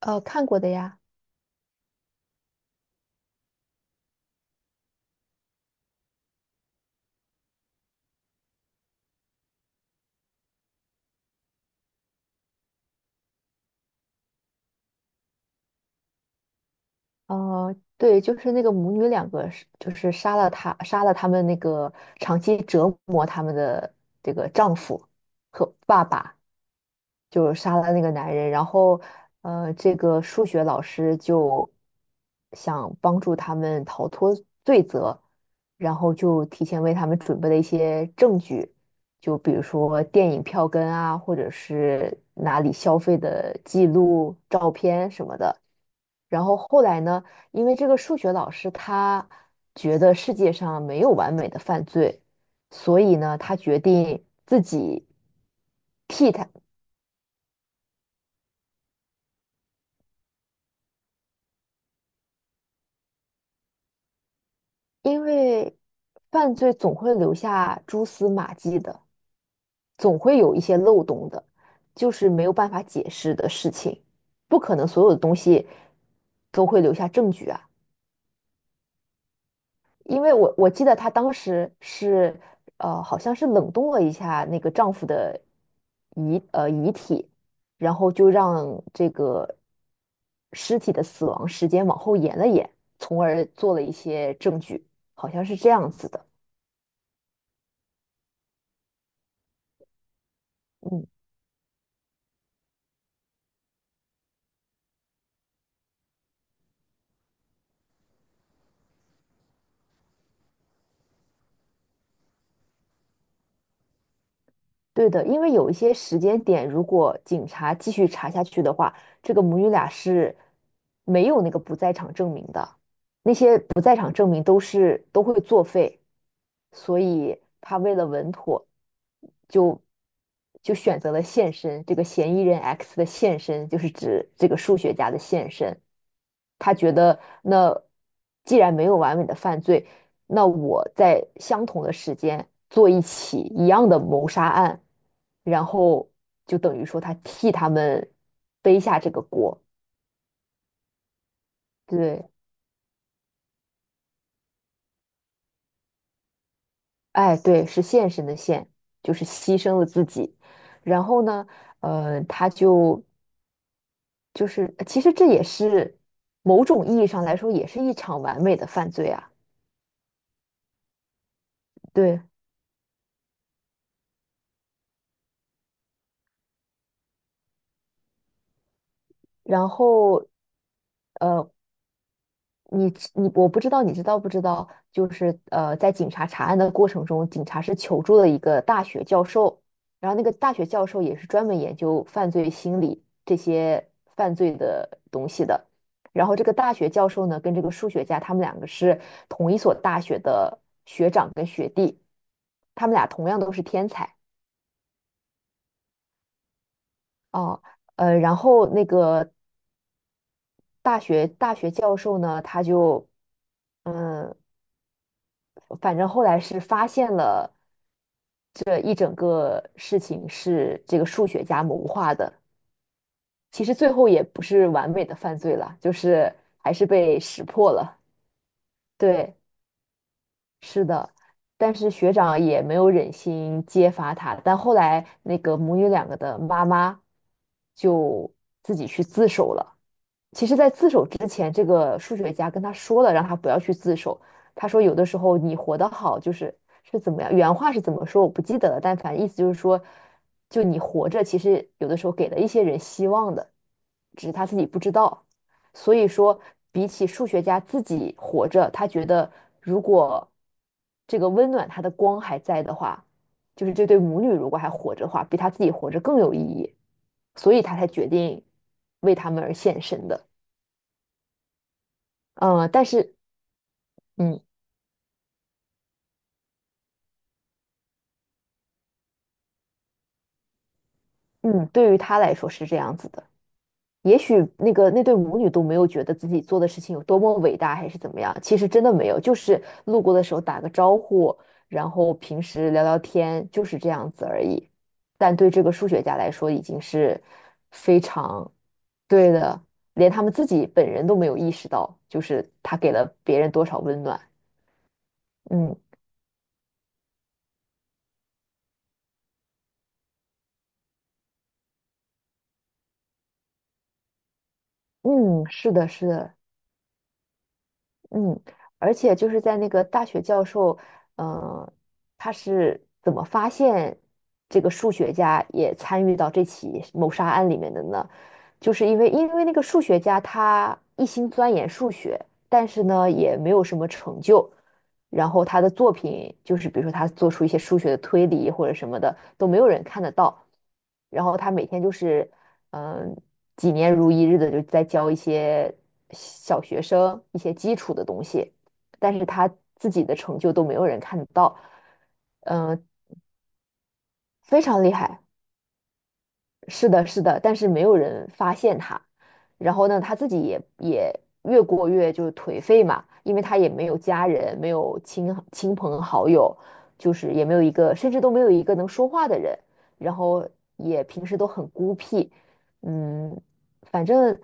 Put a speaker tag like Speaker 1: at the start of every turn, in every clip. Speaker 1: 看过的呀。对，就是那个母女两个是，就是杀了他，杀了他们那个长期折磨他们的这个丈夫和爸爸，就杀了那个男人。然后这个数学老师就想帮助他们逃脱罪责，然后就提前为他们准备了一些证据，就比如说电影票根啊，或者是哪里消费的记录、照片什么的。然后后来呢，因为这个数学老师他觉得世界上没有完美的犯罪，所以呢，他决定自己替他。因为犯罪总会留下蛛丝马迹的，总会有一些漏洞的，就是没有办法解释的事情，不可能所有的东西都会留下证据啊。因为我记得她当时是，好像是冷冻了一下那个丈夫的遗体，然后就让这个尸体的死亡时间往后延了延，从而做了一些证据，好像是这样子的。嗯。对的，因为有一些时间点，如果警察继续查下去的话，这个母女俩是没有那个不在场证明的，那些不在场证明都会作废，所以他为了稳妥，就就选择了现身，这个嫌疑人 X 的现身就是指这个数学家的现身。他觉得那既然没有完美的犯罪，那我在相同的时间做一起一样的谋杀案，然后就等于说他替他们背下这个锅。对，哎，对，是献身的献，就是牺牲了自己。然后呢，他就是，其实这也是某种意义上来说，也是一场完美的犯罪啊。对，然后呃，你我不知道你知道不知道，就是在警察查案的过程中，警察是求助了一个大学教授，然后那个大学教授也是专门研究犯罪心理这些犯罪的东西的。然后这个大学教授呢，跟这个数学家，他们两个是同一所大学的学长跟学弟，他们俩同样都是天才哦。然后那个大学教授呢，他就。嗯，反正后来是发现了这一整个事情是这个数学家谋划的。其实最后也不是完美的犯罪了，就是还是被识破了。对，是的，但是学长也没有忍心揭发他，但后来那个母女两个的妈妈就自己去自首了。其实，在自首之前，这个数学家跟他说了，让他不要去自首。他说，有的时候你活得好，就是是怎么样，原话是怎么说我不记得了，但反正意思就是说，就你活着，其实有的时候给了一些人希望的，只是他自己不知道。所以说，比起数学家自己活着，他觉得如果这个温暖他的光还在的话，就是这对母女如果还活着的话，比他自己活着更有意义，所以他才决定为他们而献身的。嗯，但是，嗯嗯，对于他来说是这样子的。也许那个那对母女都没有觉得自己做的事情有多么伟大，还是怎么样。其实真的没有，就是路过的时候打个招呼，然后平时聊聊天，就是这样子而已。但对这个数学家来说，已经是非常对的，连他们自己本人都没有意识到，就是他给了别人多少温暖。嗯嗯，是的，是的。嗯，而且就是在那个大学教授，呃，他是怎么发现这个数学家也参与到这起谋杀案里面的呢？就是因为那个数学家他一心钻研数学，但是呢也没有什么成就，然后他的作品就是比如说他做出一些数学的推理或者什么的都没有人看得到，然后他每天就是嗯几年如一日的就在教一些小学生一些基础的东西，但是他自己的成就都没有人看得到。嗯，非常厉害。是的，是的，但是没有人发现他。然后呢，他自己也越过越就是颓废嘛，因为他也没有家人，没有亲朋好友，就是也没有一个，甚至都没有一个能说话的人。然后也平时都很孤僻，嗯，反正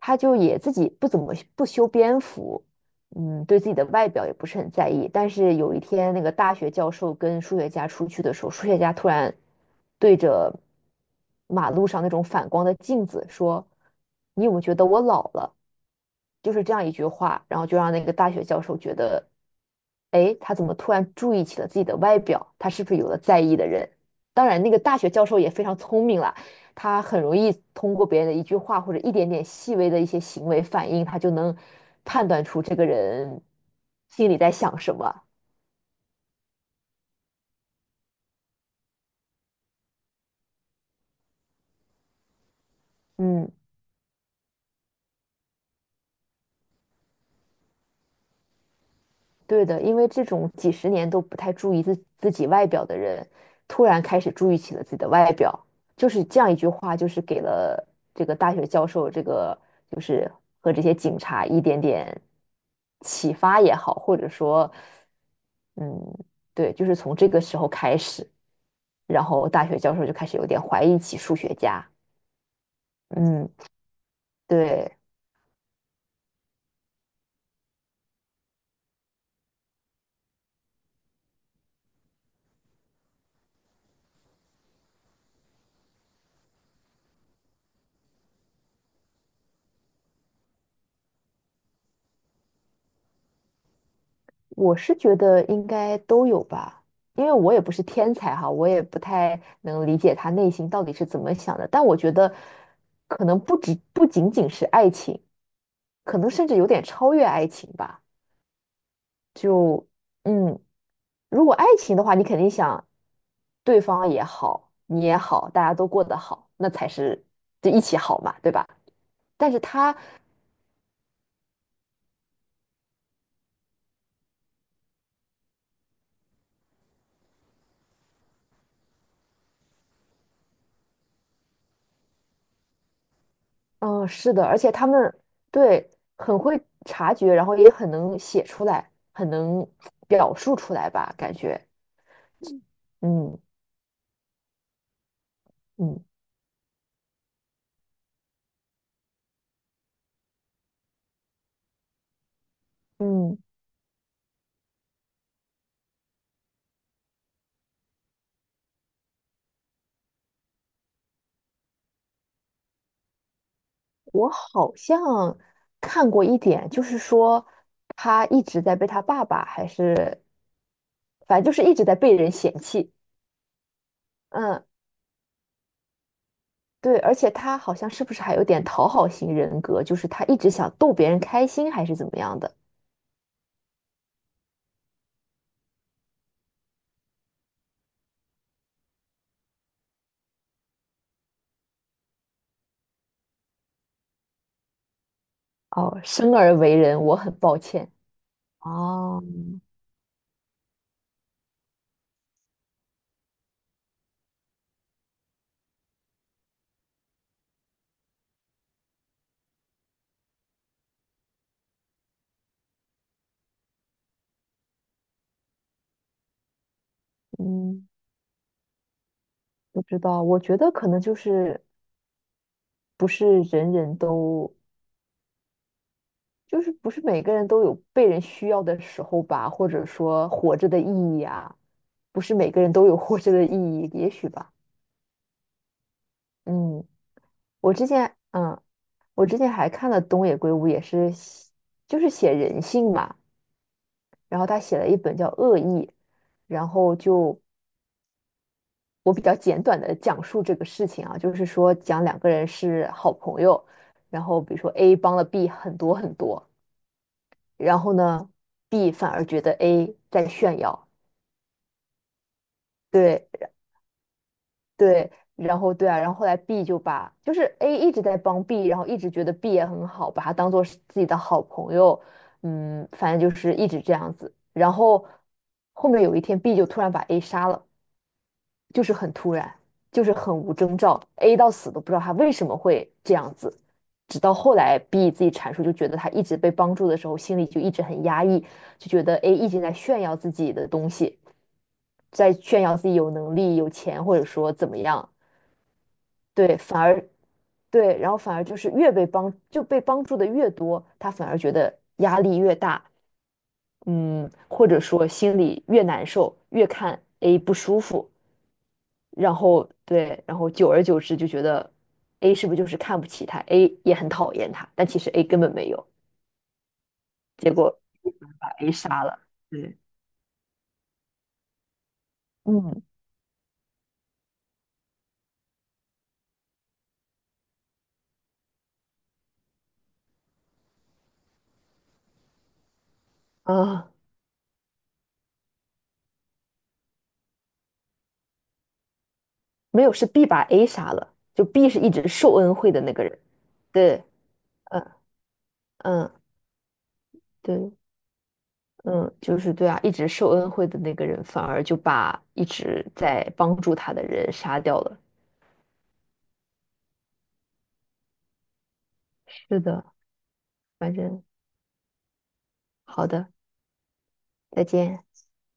Speaker 1: 他就也自己不怎么不修边幅，嗯，对自己的外表也不是很在意。但是有一天，那个大学教授跟数学家出去的时候，数学家突然对着马路上那种反光的镜子说："你有没有觉得我老了？"就是这样一句话，然后就让那个大学教授觉得，哎，他怎么突然注意起了自己的外表？他是不是有了在意的人？当然，那个大学教授也非常聪明了，他很容易通过别人的一句话或者一点点细微的一些行为反应，他就能判断出这个人心里在想什么。嗯。对的，因为这种几十年都不太注意自己外表的人，突然开始注意起了自己的外表，就是这样一句话，就是给了这个大学教授，这个就是和这些警察一点点启发也好，或者说，嗯，对，就是从这个时候开始，然后大学教授就开始有点怀疑起数学家，嗯，对。我是觉得应该都有吧，因为我也不是天才哈，我也不太能理解他内心到底是怎么想的。但我觉得，可能不止不仅仅是爱情，可能甚至有点超越爱情吧。就嗯，如果爱情的话，你肯定想对方也好，你也好，大家都过得好，那才是就一起好嘛，对吧？但是他嗯，是的，而且他们对很会察觉，然后也很能写出来，很能表述出来吧，感觉，嗯嗯嗯，我好像看过一点，就是说他一直在被他爸爸还是反正就是一直在被人嫌弃，嗯，对，而且他好像是不是还有点讨好型人格，就是他一直想逗别人开心还是怎么样的？哦，生而为人，我很抱歉。哦，嗯。不知道，我觉得可能就是不是人人都，就是不是每个人都有被人需要的时候吧，或者说活着的意义啊，不是每个人都有活着的意义，也许吧。嗯，我之前，嗯，我之前还看了东野圭吾，也是写就是写人性嘛，然后他写了一本叫《恶意》，然后就我比较简短的讲述这个事情啊，就是说讲两个人是好朋友。然后比如说 A 帮了 B 很多很多，然后呢，B 反而觉得 A 在炫耀，对对，然后对啊，然后后来 B 就把就是 A 一直在帮 B,然后一直觉得 B 也很好，把他当做是自己的好朋友，嗯，反正就是一直这样子。然后后面有一天，B 就突然把 A 杀了，就是很突然，就是很无征兆，A 到死都不知道他为什么会这样子。直到后来 B 自己阐述，就觉得他一直被帮助的时候，心里就一直很压抑，就觉得 A 一直在炫耀自己的东西，在炫耀自己有能力、有钱，或者说怎么样，对，反而对，然后反而就是越被帮就被帮助的越多，他反而觉得压力越大，嗯，或者说心里越难受，越看 A 不舒服，然后对，然后久而久之就觉得 A 是不是就是看不起他，A 也很讨厌他，但其实 A 根本没有，结果把 A 杀了，对，嗯啊，没有是 B 把 A 杀了，就 B 是一直受恩惠的那个人，对。嗯。嗯，对，嗯，就是对啊，一直受恩惠的那个人，反而就把一直在帮助他的人杀掉了。是的，反正好的，再见。